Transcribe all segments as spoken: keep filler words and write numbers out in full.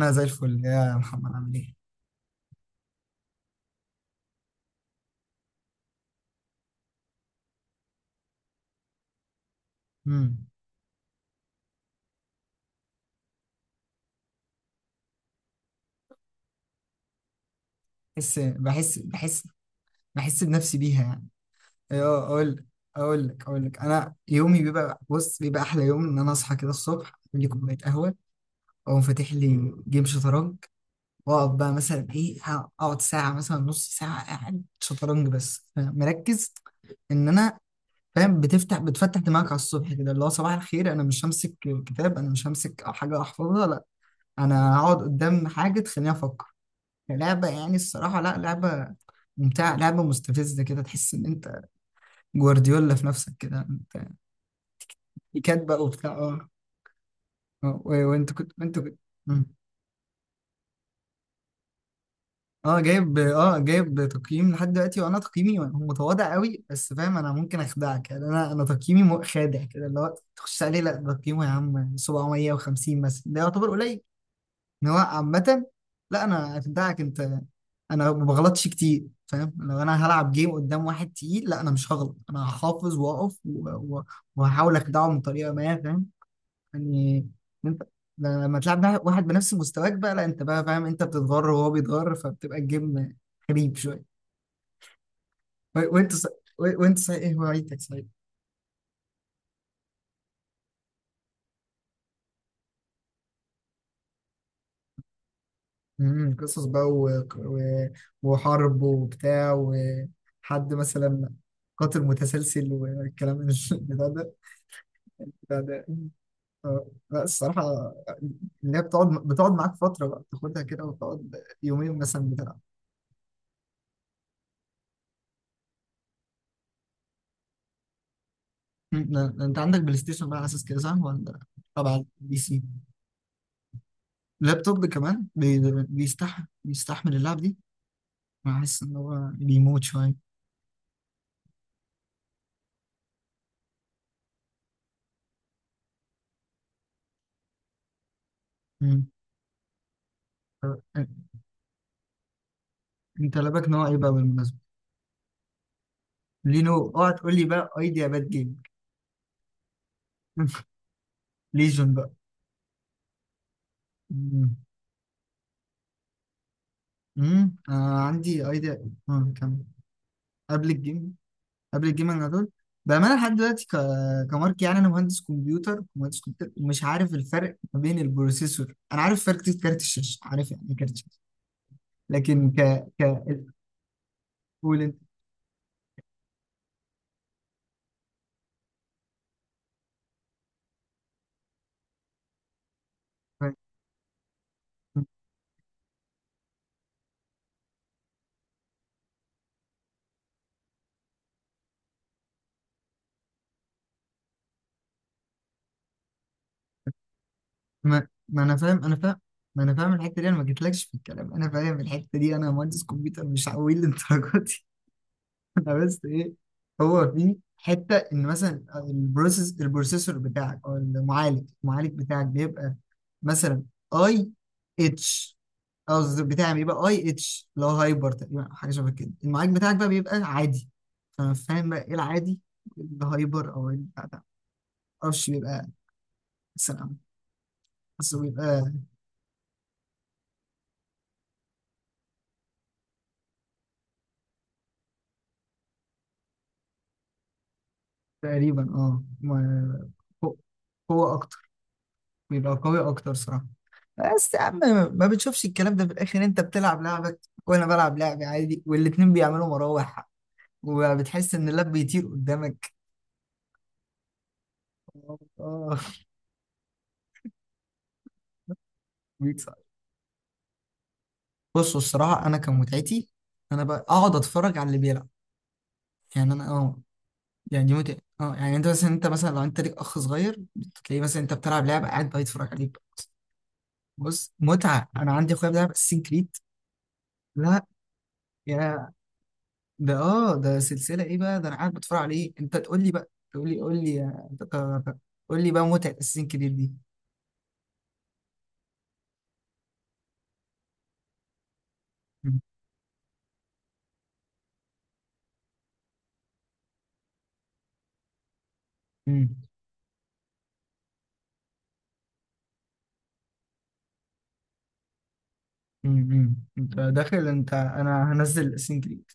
انا زي الفل يا محمد، عامل ايه؟ امم بحس بحس بحس بحس بنفسي بيها يعني. ايوه، اقول. اقول لك اقول لك انا يومي بيبقى، بص، بيبقى احلى يوم ان انا اصحى كده الصبح، اعمل لي كوبايه قهوه، اقوم فاتح لي جيم شطرنج. واقعد بقى مثلا ايه، اقعد ساعه، مثلا نص ساعه قاعد شطرنج بس مركز. ان انا، فاهم، بتفتح بتفتح دماغك على الصبح كده، اللي هو صباح الخير. انا مش همسك كتاب، انا مش همسك حاجه احفظها، لا. انا هقعد قدام حاجه تخليني افكر، لعبة. يعني الصراحة لا، لعبة ممتعة، لعبة مستفزة، كده تحس إن أنت جوارديولا في نفسك كده. أنت كاتبة وبتاع، أه آه. و- وأنت كنت، أنت كنت مم. أه جايب أه، جايب تقييم لحد دلوقتي، وأنا تقييمي متواضع قوي. بس فاهم، أنا ممكن أخدعك يعني. أنا أنا تقييمي مو- خادع كده، اللي هو تخش عليه، لا ده تقييمه يا عم سبعمية وخمسين مثلا، ده يعتبر قليل. ان هو عامة، لا انا في بتاعك انت، انا ما بغلطش كتير، فاهم. لو انا هلعب جيم قدام واحد تقيل، لا انا مش هغلط، انا هحافظ واقف و- و- وهحاول اخدعه من طريقة ما، فاهم يعني. انت لما تلعب مع واحد بنفس مستواك بقى، لا انت بقى فاهم، انت بتتغر وهو بيتغر، فبتبقى الجيم غريب شوية. و- وانت ص... و- وانت صحيح ايه هوايتك، صحيح؟ امم قصص بقى و... و... وحرب وبتاع، وحد مثلا قاتل متسلسل والكلام. البتاع ده يعني. آه، لا الصراحة، اللي هي بتقعد بتقعد معاك فترة بقى، بتاخدها كده وتقعد يومين مثلا بتلعب. م- م- انت عندك بلاي ستيشن بقى على اساس كده، صح ولا؟ طبعا على البي سي. اللابتوب ده كمان بي- بيستحمل بيستحمل اللعب دي. انا حاسس ان هو بيموت شوية. مم. طب انت لابك نوع ايه بقى بالمناسبة؟ لينو، اوعى تقول لي بقى ايديا باد جيم. ليجن بقى. مم. مم. آه عندي ايديا، اه كمل. قبل الجيم قبل الجيمنج على طول. بأمانة لحد دلوقتي ك- كمارك، يعني أنا مهندس كمبيوتر، مهندس كمبيوتر، ومش عارف الفرق ما بين البروسيسور. أنا عارف فرق كارت الشاشة، عارف يعني إيه كارت الشاشة، لكن ك ك قول أنت. ما... ما أنا فاهم، أنا فاهم، ما أنا فاهم الحتة دي، أنا ما جيتلكش في الكلام، أنا فاهم الحتة دي، أنا مهندس كمبيوتر مش عويل للدرجة. أنا بس ايه، هو في حته ان مثلا البروسيس البروسيسور بتاعك او المعالج، المعالج بتاعك بيبقى مثلا اي اتش. قصدي بتاعي بيبقى اي اتش، اللي هو هايبر تقريبا، أو حاجه شبه كده. المعالج بتاعك بقى بيبقى عادي، فانا فاهم بقى ايه العادي، الهايبر او البتاع ده. معرفش بيبقى مثلا، حاسه بيبقى تقريبا، اه ما- قوه اكتر، بيبقى قوي اكتر صراحه. بس يا عم ما بتشوفش الكلام ده في الاخر، انت بتلعب لعبك وانا بلعب لعبي عادي، والاتنين بيعملوا مراوح، وبتحس ان اللاب بيطير قدامك. اه، بيكسر. بصوا الصراحه، انا كان متعتي، انا بقى اقعد اتفرج على اللي بيلعب يعني. انا اه، يعني دي متعه، اه يعني انت مثلا، انت مثلا لو انت ليك اخ صغير، تلاقيه مثلا انت بتلعب لعبه، قاعد بقى يتفرج عليك. بص متعه. انا عندي اخويا بيلعب اساسين كريد، لا يا، ده اه ده سلسلة ايه بقى؟ ده انا قاعد بتفرج عليه، انت تقول لي بقى، تقول لي، قول لي يا- قول لي بقى متعة اساسين كريد دي. مم. مم. مم. انت داخل انت، انا هنزل اساسين كريد.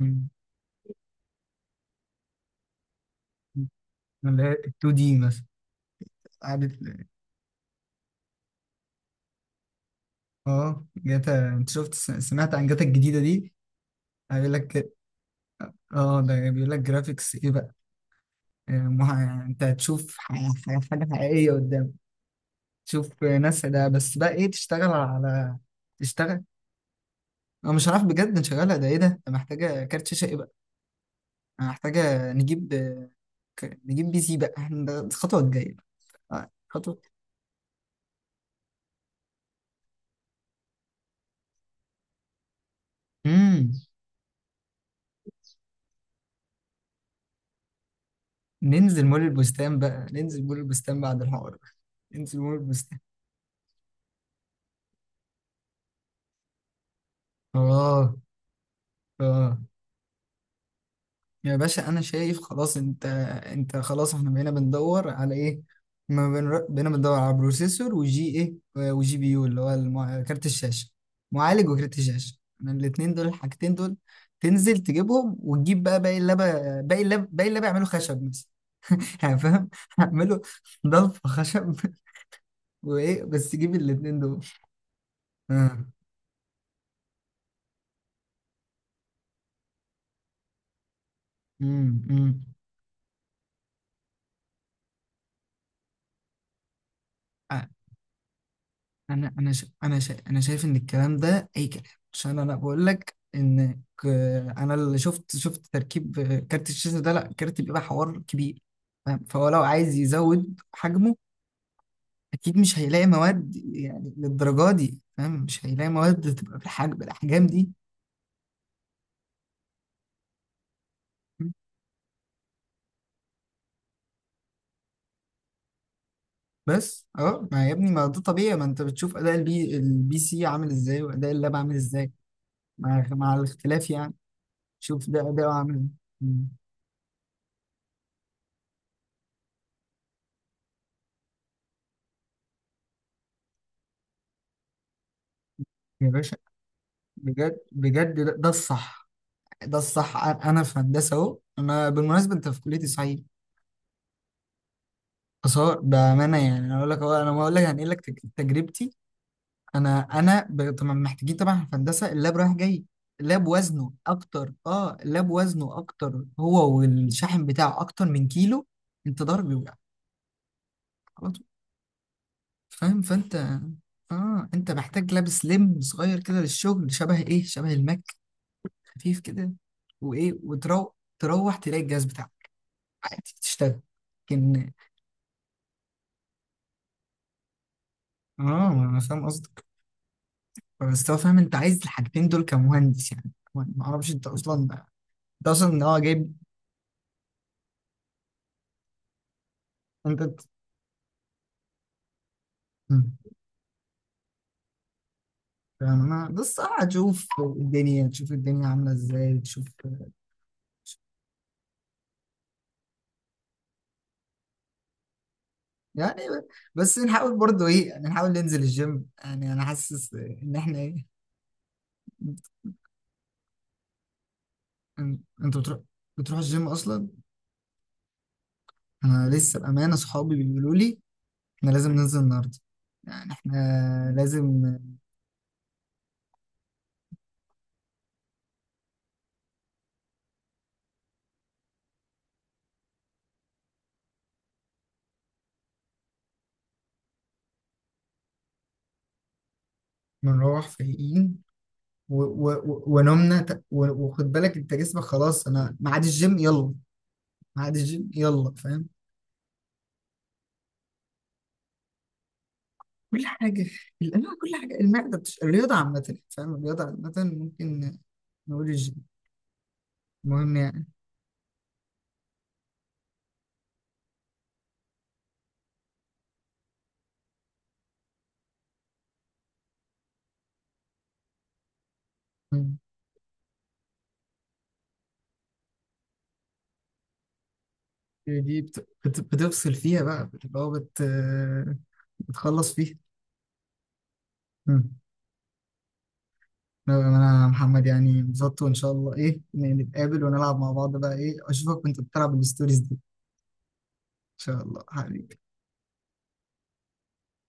مم. اللي هي اتنين دي مثلا قعدت. اه جاتا، انت شفت، سمعت عن جاتا الجديدة دي؟ هيقول لك. اه ده بيقول لك جرافيكس ايه بقى. آه، مه- انت هتشوف ح- ح- حاجة حقيقية قدام. تشوف ناس، ده بس بقى ايه، تشتغل على، تشتغل؟ انا مش هنعرف بجد نشغلها، ده ايه ده، ده محتاجه كارت شاشه ايه بقى. أنا محتاجه نجيب ك- نجيب بي سي بقى. احنا ده الخطوه الجايه. آه، خطوه. امم ننزل مول البستان بقى، ننزل مول البستان بعد الحوار ده. ننزل مول البستان. اه، اه. يا باشا، انا شايف خلاص، انت، انت خلاص، احنا بقينا بندور على ايه؟ ما بنر- بقينا بندور على بروسيسور وجي ايه، آه، وجي بي يو، اللي هو المع... كارت الشاشه، معالج وكارت الشاشه. انا الاثنين دول، الحاجتين دول تنزل تجيبهم، وتجيب بقى باقي اللابا، باقي اللاب باقي اللاب يعملوا خشب مثلا. يعني فاهم، هعملوا ضلف خشب. وايه بس، جيب الاثنين دول. آه. امم انا انا ش... انا ش... انا شايف ان الكلام ده اي كلام. عشان انا بقول لك ان ك... انا اللي شفت، شفت تركيب كارت الشاشه ده، لا، كارت بيبقى حوار كبير، فاهم؟ فهو لو عايز يزود حجمه، اكيد مش هيلاقي مواد يعني للدرجه دي، فاهم، مش هيلاقي مواد تبقى بالحجم، بالاحجام دي. بس اه، ما يا ابني ما ده طبيعي. ما انت بتشوف اداء البي البي سي عامل ازاي، واداء اللاب عامل ازاي، مع مع الاختلاف يعني. شوف ده اداءه عامل ازاي. مم. يا باشا بجد، بجد، ده, ده الصح، ده الصح. أ- انا في هندسه اهو، انا بالمناسبه انت في كليه، صعيد؟ اثار. بامانه يعني انا اقول لك أهو، انا ما اقول لك، هنقل لك تج- تجربتي. انا انا ب- طبعا محتاجين، طبعا في هندسه اللاب رايح جاي. اللاب وزنه اكتر، اه اللاب وزنه اكتر، هو والشاحن بتاعه اكتر من كيلو. انت ضهرك بيوجع على طول، فاهم، فانت، اه انت محتاج لاب سليم صغير كده للشغل، شبه ايه، شبه الماك، خفيف كده. وايه وتروح تروح تلاقي الجهاز بتاعك عادي بتشتغل. لكن، اه انا فاهم قصدك. بس هو فاهم، انت عايز الحاجتين دول كمهندس، يعني ما اعرفش انت اصلا، انت اصلا اه جايب. انت ت- مم. فاهم، انا بس اه هتشوف الدنيا، تشوف الدنيا عامله ازاي، تشوف. يعني ب- بس نحاول برضه ايه، يعني نحاول ننزل الجيم. يعني انا حاسس ان احنا ايه. إن- انت بتروح، بتروح الجيم اصلا؟ انا لسه بامانه، صحابي بيقولوا لي احنا لازم ننزل النهارده، يعني احنا لازم. نروح فايقين. و- و- و- ونمنا ت- و- وخد بالك انت جسمك خلاص، انا ميعاد الجيم يلا، ميعاد الجيم يلا، فاهم. كل حاجه، الانواع، كل حاجه، المعده بتش... الرياضه عامه فاهم، الرياضه عامه ممكن نقول الجيم، المهم يعني. مم. دي بت... بت... بتفصل فيها بقى، بتبقى هو بت... بتخلص فيها. مم. لا، انا محمد يعني انبسطت، وان شاء الله ايه نتقابل ونلعب مع بعض بقى، ايه اشوفك وانت بتلعب الستوريز دي، ان شاء الله حبيبي.